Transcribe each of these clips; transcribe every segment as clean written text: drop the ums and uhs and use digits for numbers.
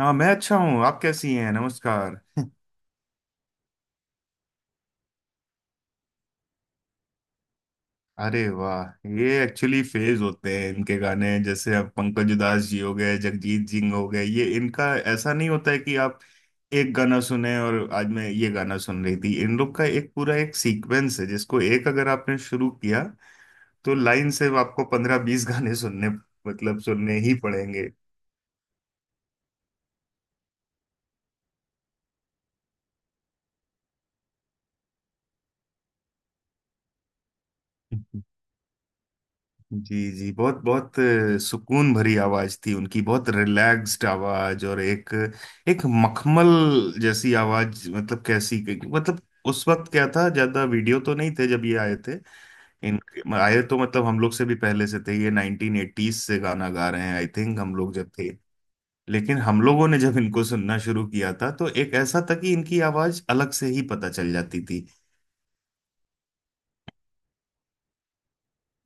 हाँ, मैं अच्छा हूँ। आप कैसी हैं? नमस्कार। अरे वाह, ये एक्चुअली फेज होते हैं इनके गाने। जैसे अब पंकज उधास जी हो गए, जगजीत सिंह हो गए, ये इनका ऐसा नहीं होता है कि आप एक गाना सुने। और आज मैं ये गाना सुन रही थी। इन लोग का एक पूरा एक सीक्वेंस है जिसको एक अगर आपने शुरू किया तो लाइन से आपको पंद्रह बीस गाने सुनने, मतलब सुनने ही पड़ेंगे। जी, जी। बहुत बहुत सुकून भरी आवाज थी उनकी। बहुत रिलैक्स्ड आवाज, और एक एक मखमल जैसी आवाज, मतलब कैसी? मतलब उस वक्त क्या था, ज्यादा वीडियो तो नहीं थे जब ये आए थे। इन आए तो मतलब हम लोग से भी पहले से थे ये। नाइनटीन एटीज से गाना गा रहे हैं, आई थिंक हम लोग जब थे। लेकिन हम लोगों ने जब इनको सुनना शुरू किया था तो एक ऐसा था कि इनकी आवाज अलग से ही पता चल जाती थी।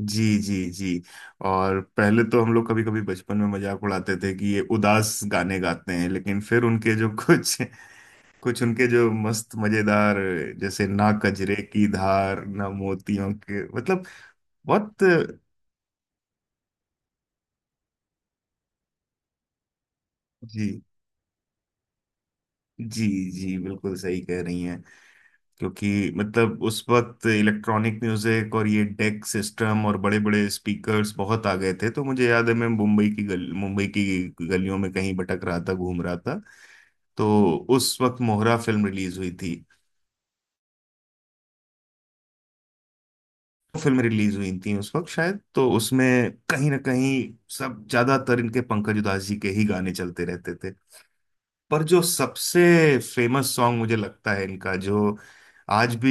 जी, जी, जी। और पहले तो हम लोग कभी कभी बचपन में मजाक उड़ाते थे कि ये उदास गाने गाते हैं। लेकिन फिर उनके जो कुछ कुछ उनके जो मस्त मजेदार, जैसे ना कजरे की धार ना मोतियों के, मतलब बहुत। जी, जी, जी, बिल्कुल सही कह रही हैं। क्योंकि मतलब उस वक्त इलेक्ट्रॉनिक म्यूजिक और ये डेक सिस्टम और बड़े बड़े स्पीकर्स बहुत आ गए थे। तो मुझे याद है, मैं मुंबई की गलियों में कहीं भटक रहा था, घूम रहा था। तो उस वक्त मोहरा फिल्म रिलीज हुई थी उस वक्त शायद। तो उसमें कहीं ना कहीं सब ज्यादातर इनके पंकज उधास जी के ही गाने चलते रहते थे। पर जो सबसे फेमस सॉन्ग मुझे लगता है इनका, जो आज भी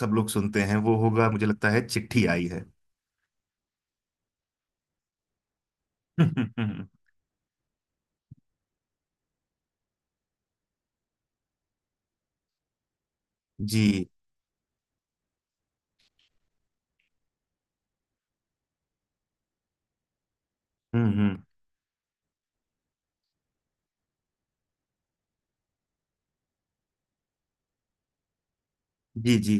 सब लोग सुनते हैं, वो होगा मुझे लगता है चिट्ठी आई है। हम्म। जी। हम्म, हम्म। जी, जी,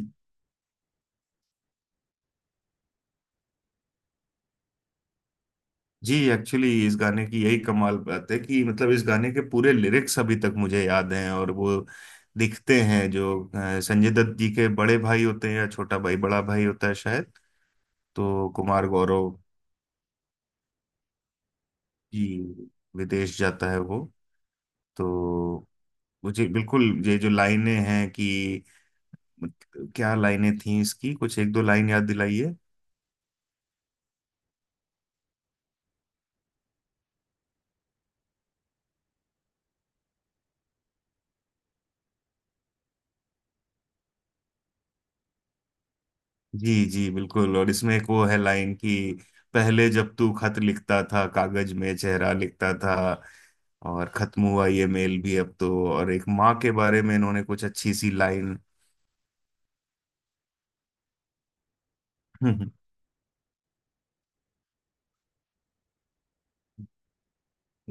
जी। एक्चुअली इस गाने की यही कमाल बात है कि मतलब इस गाने के पूरे लिरिक्स अभी तक मुझे याद हैं। और वो दिखते हैं जो संजय दत्त जी के बड़े भाई होते हैं, या छोटा भाई, बड़ा भाई होता है शायद। तो कुमार गौरव जी विदेश जाता है वो। तो मुझे बिल्कुल ये जो लाइनें हैं कि, मतलब क्या लाइनें थी इसकी, कुछ एक दो लाइन याद दिलाइए। जी, जी, बिल्कुल। और इसमें एक वो है लाइन कि पहले जब तू खत लिखता था कागज में चेहरा लिखता था। और खत्म हुआ ये मेल भी अब तो। और एक माँ के बारे में इन्होंने कुछ अच्छी सी लाइन।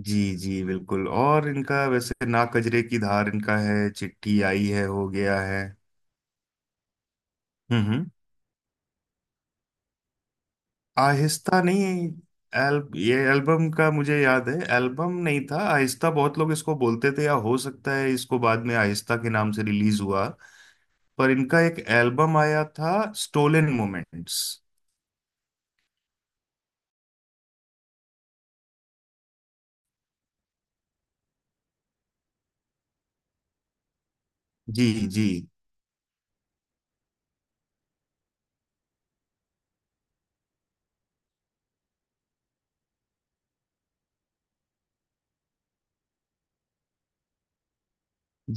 जी, जी, बिल्कुल। और इनका वैसे ना कजरे की धार इनका है, चिट्ठी आई है हो गया है। हम्म, आहिस्ता नहीं। ये एल्बम का मुझे याद है, एल्बम नहीं था आहिस्ता। बहुत लोग इसको बोलते थे, या हो सकता है इसको बाद में आहिस्ता के नाम से रिलीज हुआ। पर इनका एक एल्बम आया था, स्टोलन मोमेंट्स। जी, जी,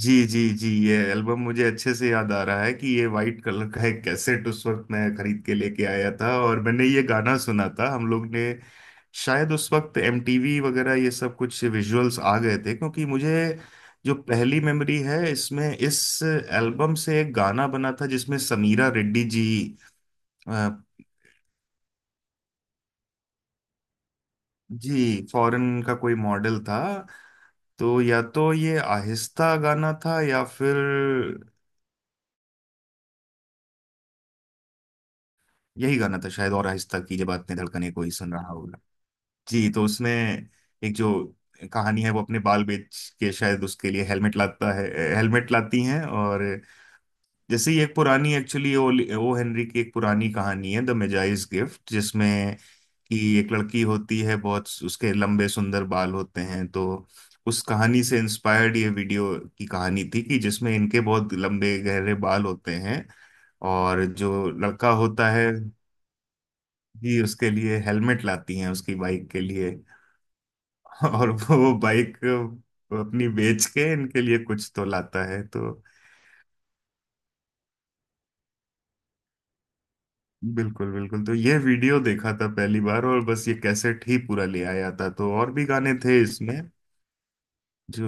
जी, जी, जी। ये एल्बम मुझे अच्छे से याद आ रहा है कि ये वाइट कलर का एक कैसेट उस वक्त मैं खरीद के लेके आया था, और मैंने ये गाना सुना था हम लोग ने। शायद उस वक्त एमटीवी वगैरह ये सब कुछ विजुअल्स आ गए थे, क्योंकि मुझे जो पहली मेमोरी है इसमें इस एल्बम से, एक गाना बना था जिसमें समीरा रेड्डी जी, अ, जी फॉरेन का कोई मॉडल था। तो या तो ये आहिस्ता गाना था या फिर यही गाना था शायद। और आहिस्ता कीजिए बात ने, धड़कने कोई सुन रहा होगा। जी, तो उसमें एक जो कहानी है, वो अपने बाल बेच के शायद उसके लिए हेलमेट लाता है हेलमेट लाती हैं। और जैसे ये एक पुरानी एक्चुअली, ओ हेनरी की एक पुरानी कहानी है, द मेजाइज गिफ्ट, जिसमें कि एक लड़की होती है, बहुत उसके लंबे सुंदर बाल होते हैं। तो उस कहानी से इंस्पायर्ड ये वीडियो की कहानी थी कि जिसमें इनके बहुत लंबे गहरे बाल होते हैं। और जो लड़का होता है ही, उसके लिए हेलमेट लाती हैं उसकी बाइक के लिए। और वो बाइक अपनी बेच के इनके लिए कुछ तो लाता है तो। बिल्कुल, बिल्कुल। तो ये वीडियो देखा था पहली बार, और बस ये कैसेट ही पूरा ले आया था। तो और भी गाने थे इसमें। जो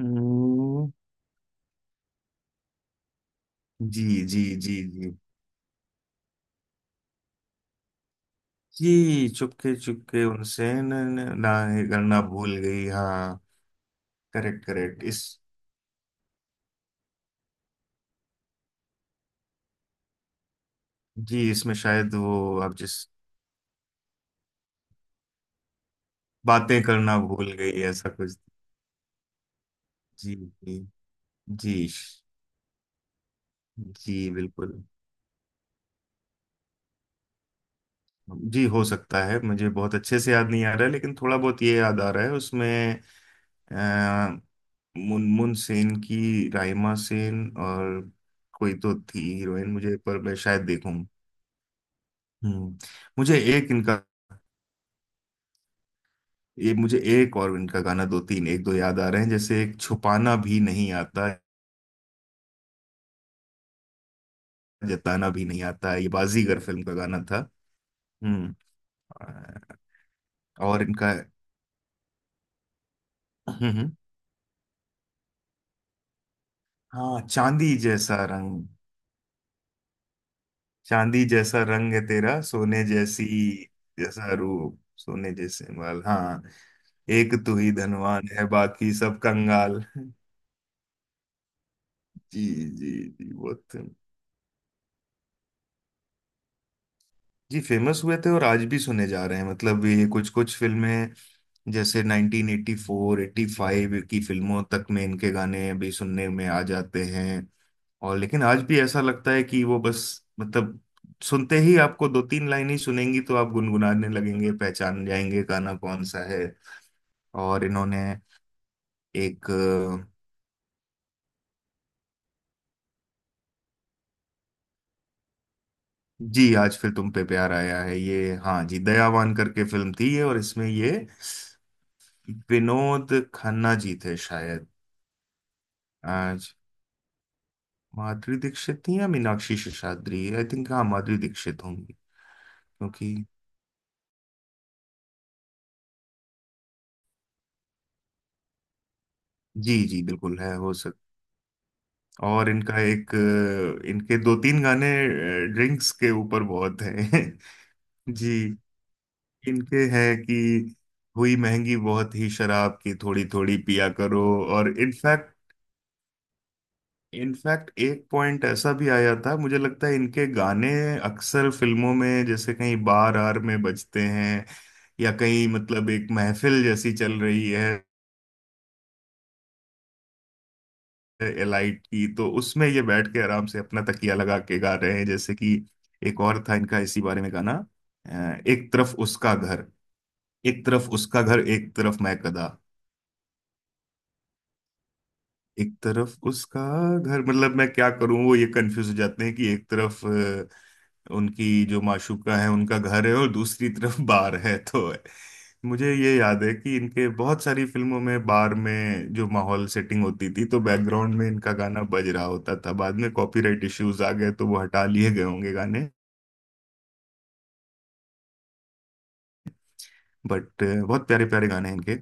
हम्म, जी, जी, जी, जी, जी। चुपके चुपके उनसे न, न, ना ये करना भूल गई, हाँ। Correct, correct. इस जी, इसमें शायद वो आप जिस, बातें करना भूल गई ऐसा कुछ। जी, जी, जी, जी, बिल्कुल। जी, हो सकता है मुझे बहुत अच्छे से याद नहीं आ रहा है, लेकिन थोड़ा बहुत ये याद आ रहा है उसमें। अ, मुनमुन सेन की, राइमा सेन और कोई तो थी हीरोइन मुझे, पर मैं शायद देखूं। हम्म। मुझे एक इनका ये मुझे एक और इनका गाना दो तीन एक दो याद आ रहे हैं, जैसे एक छुपाना भी नहीं आता जताना भी नहीं आता, ये बाजीगर फिल्म का गाना था। हम्म। अ, और इनका। हम्म, हम्म। हाँ, चांदी जैसा रंग। चांदी जैसा रंग है तेरा, सोने जैसी जैसा रूप, सोने जैसे माल, हाँ। एक तू ही धनवान है बाकी सब कंगाल। जी, जी, जी, बहुत। जी, फेमस हुए थे और आज भी सुने जा रहे हैं, मतलब ये कुछ कुछ फिल्में जैसे 1984 85 की फिल्मों तक में इनके गाने अभी सुनने में आ जाते हैं। और लेकिन आज भी ऐसा लगता है कि वो बस मतलब सुनते ही आपको दो तीन लाइन ही सुनेंगी तो आप गुनगुनाने लगेंगे, पहचान जाएंगे गाना कौन सा है। और इन्होंने एक अ, जी, आज फिर तुम पे प्यार आया है ये, हाँ जी, दयावान करके फिल्म थी ये, और इसमें ये विनोद खन्ना जी थे शायद। आज माधुरी दीक्षित थी या मीनाक्षी शेषाद्री, आई थिंक हाँ माधुरी दीक्षित होंगी, क्योंकि जी, जी, बिल्कुल है हो सक और इनका इनके दो तीन गाने ड्रिंक्स के ऊपर बहुत हैं। जी, इनके हैं कि हुई महंगी बहुत ही शराब की, थोड़ी थोड़ी पिया करो। और इनफैक्ट, एक पॉइंट ऐसा भी आया था, मुझे लगता है इनके गाने अक्सर फिल्मों में, जैसे कहीं बार आर में बजते हैं, या कहीं मतलब एक महफिल जैसी चल रही है एलाइट की, तो उसमें ये बैठ के आराम से अपना तकिया लगा के गा रहे हैं। जैसे कि एक और था इनका इसी बारे में गाना, एक तरफ उसका घर, एक तरफ उसका घर एक तरफ मैं कदा एक तरफ उसका घर, मतलब मैं क्या करूं। वो ये कंफ्यूज हो जाते हैं कि एक तरफ उनकी जो माशूका है उनका घर है, और दूसरी तरफ बार है तो। मुझे ये याद है कि इनके बहुत सारी फिल्मों में बार में जो माहौल सेटिंग होती थी तो बैकग्राउंड में इनका गाना बज रहा होता था। बाद में कॉपीराइट इश्यूज आ गए तो वो हटा लिए गए होंगे गाने। बट बहुत प्यारे प्यारे गाने हैं इनके।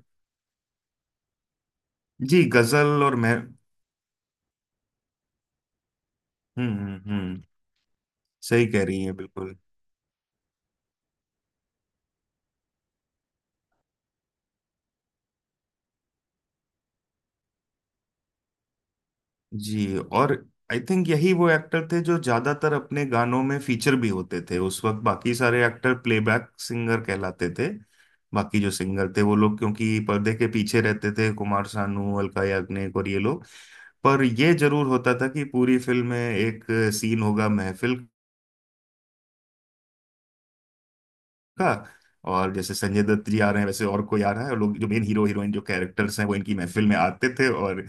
जी, गजल और मैं। हम्म, हम्म, हम्म। सही कह रही हैं बिल्कुल। जी। और आई थिंक यही वो एक्टर थे जो ज्यादातर अपने गानों में फीचर भी होते थे। उस वक्त बाकी सारे एक्टर प्लेबैक सिंगर कहलाते थे। बाकी जो सिंगर थे वो लोग, क्योंकि पर्दे के पीछे रहते थे, कुमार सानू, अलका याग्निक और ये लोग। पर ये जरूर होता था कि पूरी फिल्म में एक सीन होगा महफिल का, और जैसे संजय दत्त जी आ रहे हैं वैसे और कोई आ रहा है, और लोग जो मेन हीरो हीरोइन जो कैरेक्टर्स हैं वो इनकी महफिल में आते थे, और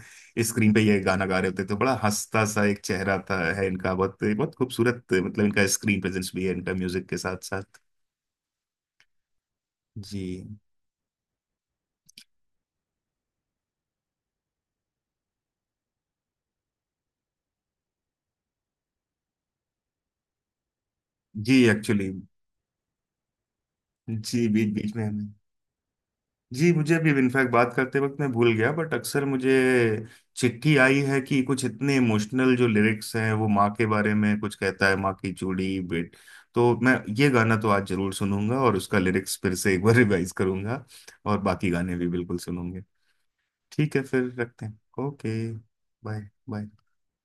स्क्रीन पे ये गाना गा रहे होते थे। बड़ा हंसता सा एक चेहरा था है इनका, बहुत बहुत खूबसूरत, मतलब इनका स्क्रीन प्रेजेंस भी है इनका म्यूजिक के साथ साथ। जी, जी, एक्चुअली। जी, बीच बीच में हमें। जी, मुझे अभी इनफैक्ट बात करते वक्त मैं भूल गया, बट अक्सर मुझे चिट्ठी आई है कि कुछ इतने इमोशनल जो लिरिक्स हैं वो माँ के बारे में कुछ कहता है, माँ की चूड़ी। बेट तो मैं ये गाना तो आज जरूर सुनूंगा, और उसका लिरिक्स फिर से एक बार रिवाइज करूंगा। और बाकी गाने भी बिल्कुल सुनूंगे। ठीक है, फिर रखते हैं। Okay, bye. बाय।